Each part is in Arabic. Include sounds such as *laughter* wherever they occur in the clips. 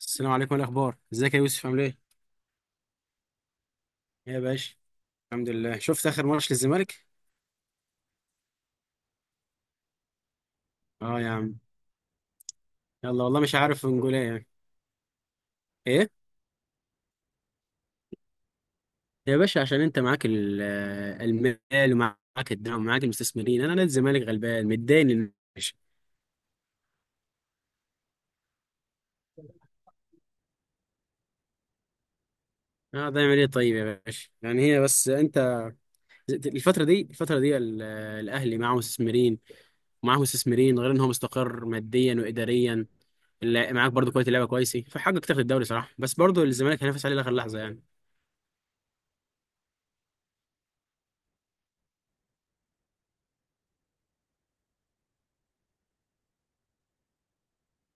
السلام عليكم، إيه الاخبار؟ ازيك يا يوسف؟ عامل ايه؟ إيه يا باشا؟ الحمد لله. شفت اخر ماتش للزمالك؟ اه يا عم. يلا والله مش عارف انجوليه يعني. ايه يا باشا، عشان انت معاك المال ومعاك الدعم ومعاك المستثمرين. انا نادي الزمالك غلبان متداين يا باشا. اه ده يعمل ايه طيب يا باشا؟ يعني هي بس انت الفتره دي الاهلي معاه مستثمرين، ومعاه مستثمرين غير ان هو مستقر ماديا واداريا. معاك برضو كواليتي لعيبه كويسه، فحقق تاخد الدوري صراحه، بس برضو الزمالك هينافس عليه لاخر لحظه يعني.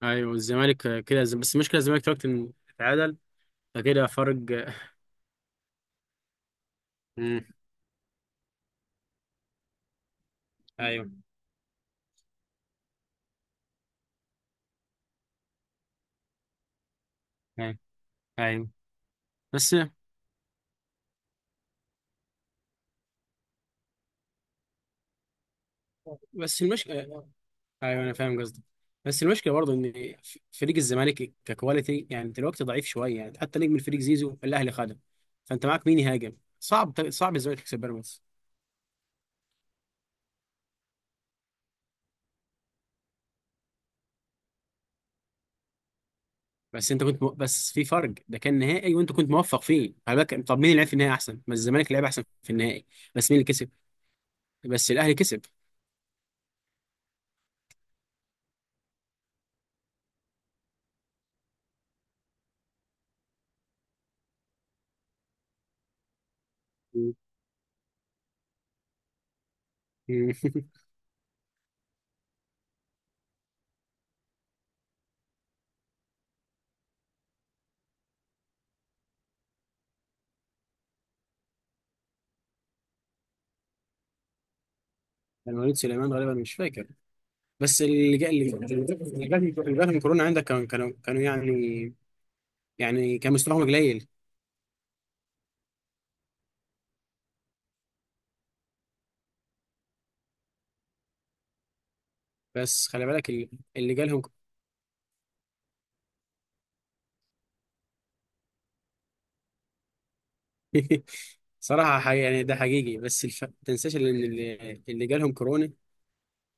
ايوه، الزمالك كده، بس المشكله الزمالك دلوقتي إن اتعادل فكده فرق. امم. *laughs* ايوه، ايوه، ايوه. بس بس المشكله، ايوه انا فاهم قصدك، بس المشكله برضه ان فريق الزمالك ككواليتي يعني دلوقتي ضعيف شويه يعني، حتى نجم الفريق زيزو الاهلي خده. فانت معاك مين يهاجم؟ صعب صعب الزمالك يكسب بيراميدز. بس انت كنت بس في فرق، ده كان نهائي وانت كنت موفق فيه، على بالك طب مين اللي لعب في النهائي احسن؟ ما الزمالك لعب احسن في النهائي. بس مين اللي كسب؟ بس الاهلي كسب. مم. *laughs* كان وليد سليمان غالبا، مش فاكر. بس اللي جا اللي اللي جات من كورونا عندك كانوا يعني، يعني كان مستواهم قليل. بس خلي بالك اللي جالهم *laughs* صراحة حقيقي يعني، ده حقيقي، بس ما تنساش ان اللي جالهم كورونا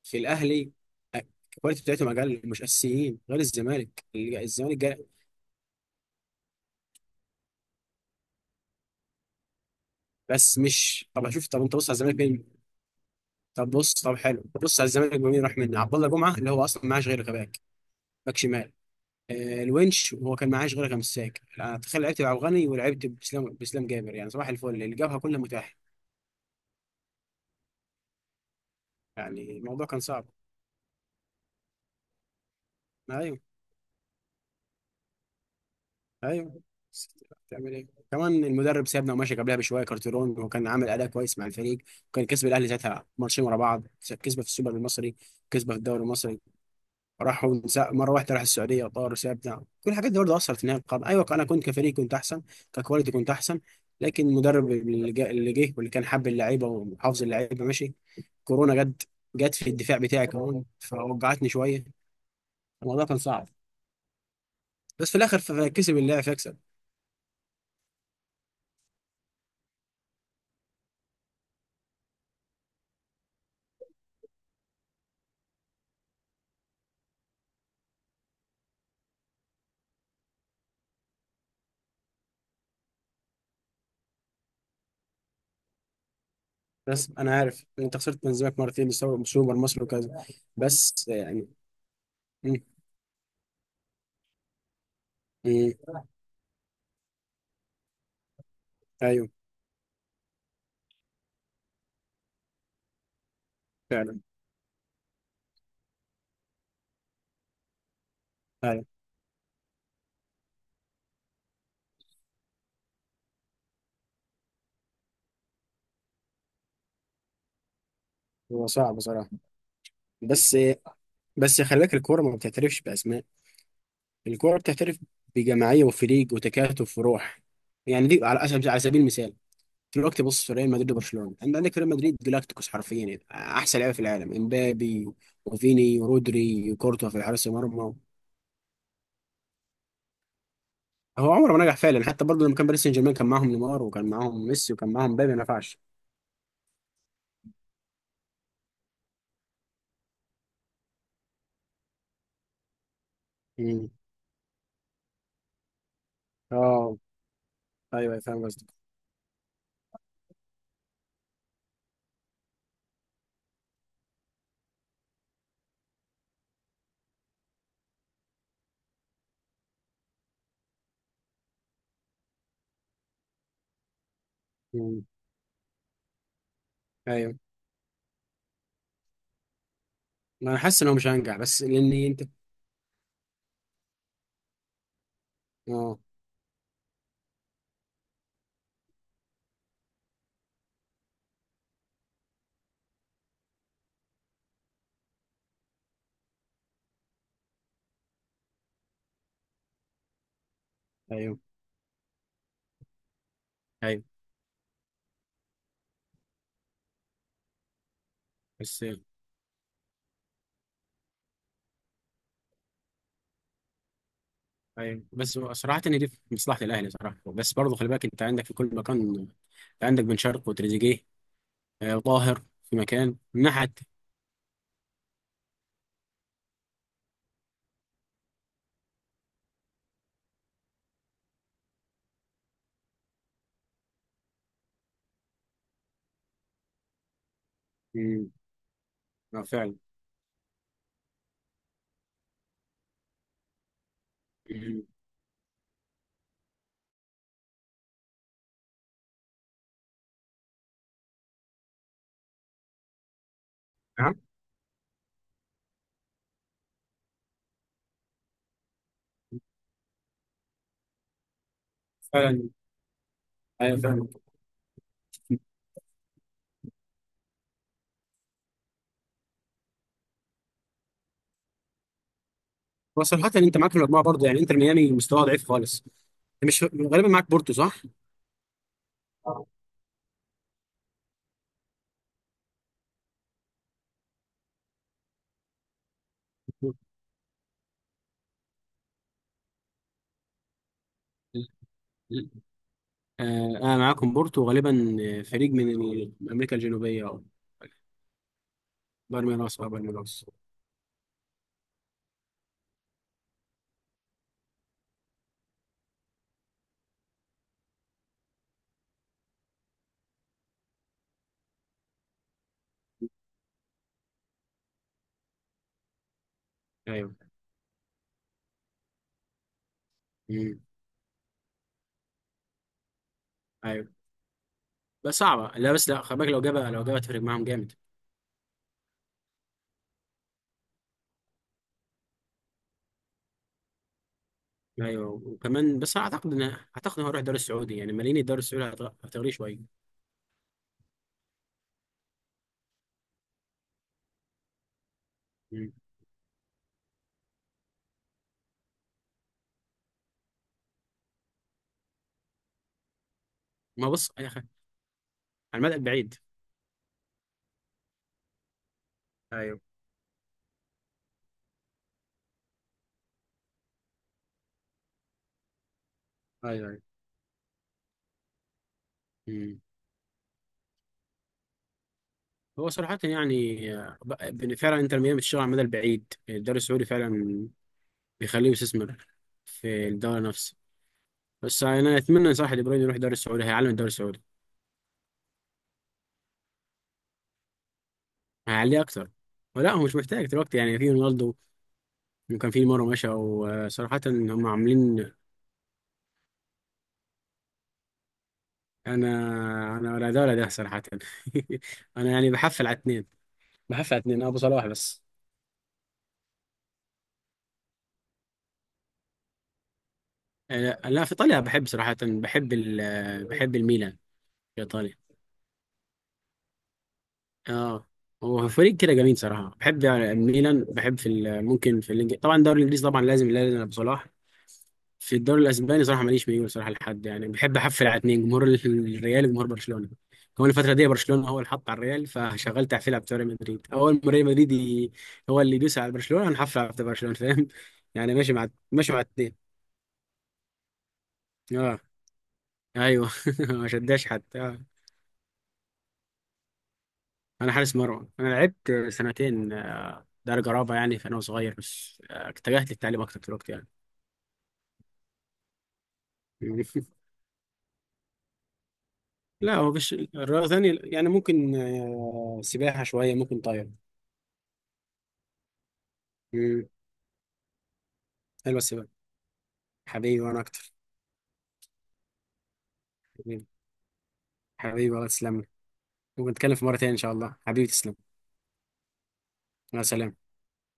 في الاهلي، الكواليتي بتاعتهم اقل، مش اساسيين غير الزمالك الزمالك جال. بس مش، طب شوف، طب انت بص على الزمالك مين؟ طب بص، طب حلو، بص على الزمالك مين راح منه. عبد الله جمعة اللي هو اصلا معاش غير غباك، باك شمال. الونش وهو كان معاه شغل مساك. انا تخيل لعبت بعبد الغني، ولعبت باسلام جابر، يعني صباح الفل اللي جابها كلها متاحه. يعني الموضوع كان صعب. ايوه، ايوه، بس تعمل ايه؟ كمان المدرب سابنا ومشى قبلها بشويه كارتيرون، وكان عامل اداء كويس مع الفريق، وكان كسب الاهلي ساعتها ماتشين ورا بعض، كسبه في السوبر المصري، كسبه في الدوري المصري. راحوا مره واحده راح السعوديه وطار وسابنا. كل الحاجات دي برضه اثرت في نهايه القرن. ايوه، انا كنت كفريق كنت احسن، ككواليتي كنت احسن. لكن المدرب اللي جه واللي كان حب اللعيبه وحافظ اللعيبه ماشي، كورونا جت. جت في الدفاع بتاعي كمان، فوجعتني شويه. الموضوع كان صعب. بس في الاخر كسب اللاعب يكسب. بس انا عارف انت خسرت من زمانك مرتين، سوبر مصر وكذا. بس يعني. م- م- ايوه، فعلا. ايوه. هو صعب بصراحه. بس بس خلي بالك الكوره ما بتعترفش باسماء. الكورة بتحترف بجماعية وفريق وتكاتف وروح. يعني دي على سبيل المثال، دلوقتي بص في ريال مدريد وبرشلونة. انت عندك ريال مدريد جلاكتيكوس، حرفيا يعني احسن لعيبة في العالم، امبابي وفيني ورودري وكورتوا في حارس المرمى. هو عمره ما نجح فعلا. حتى برضه لما كان باريس سان جيرمان كان معاهم نيمار وكان معاهم ميسي وكان معاهم مبابي، ما نفعش. مم. اه. ايوه، أيوة، فاهم قصدك. مم. ايوه. ما انا حاسس ان هو مش هينجح، بس لان انت. اه. ايوه، ايوه. بس. ايوه بس، هو صراحة ان دي في مصلحة الاهلي صراحة. بس برضه خلي بالك انت عندك في كل مكان. انت عندك بن شرقي وتريزيجيه وطاهر في مكان نحت. مم، فعلا. مم. نعم. فعلا. ايوه، فعلا. هو صراحة انت معاك الاربعة برضه، يعني انتر ميامي مستواه ضعيف خالص. أنت مش غالبا معاك بورتو صح؟ آه، انا معاكم بورتو وغالبا فريق من امريكا الجنوبيه، او بالميراس او بالميراس. ايوه. مم. ايوه بس صعبه، لا بس لا، خلي بالك، لو جابها تفرق معاهم جامد. ايوه وكمان، بس اعتقد ان، اعتقد ان هروح الدوري السعودي يعني ماليني، الدوري السعودي هتغريه شويه. مم. ما بص يا اخي، على المدى البعيد. ايوه، ايوه، ايوه. مم. هو صراحه يعني فعلا، انتر ميامي بتشتغل على المدى البعيد. الدوري السعودي فعلا بيخليه يستثمر في الدوري نفسه. بس انا اتمنى صراحه دي بروين يروح الدوري السعودي، هيعلم الدوري السعودي، هيعليه اكتر. ولا هو مش محتاج دلوقتي؟ يعني في رونالدو، وكان في مره مشى، وصراحه هم عاملين. انا انا ولا ده ولا ده صراحه. *laughs* انا يعني بحفل على اتنين، بحفل على اتنين ابو صلاح بس. لا، في ايطاليا بحب صراحه، بحب ال آه، بحب الميلان في ايطاليا. اه، هو فريق كده جميل صراحه، بحب يعني الميلان. بحب ممكن في الانجليزي، طبعا الدوري الانجليزي طبعا لازم لازم ابو صلاح. في الدوري الاسباني صراحه ماليش ميول صراحه لحد، يعني بحب احفل على اتنين، جمهور الريال وجمهور برشلونه. كمان الفتره دي برشلونه هو اللي حط على الريال، فشغال تحفيل بتوع ريال مدريد. اول ما ريال مدريد هو اللي يدوس على برشلونه هنحفل على بتوع برشلونه، فاهم؟ يعني ماشي مع الاتنين اه. ايوه. *laughs* ما شداش حد آه. انا حارس مرمى، انا لعبت سنتين درجه رابعه يعني فانا صغير. بس اتجهت للتعليم اكتر في الوقت يعني. *laughs* لا هو مش رياضه ثانيه يعني، ممكن سباحه شويه، ممكن طايره. حلوه السباق. حبيبي وانا اكتر. حبيبي. حبيبي والله، تسلم لي. ونتكلم في مره تانيه ان شاء الله، حبيبي تسلم. مع السلامه.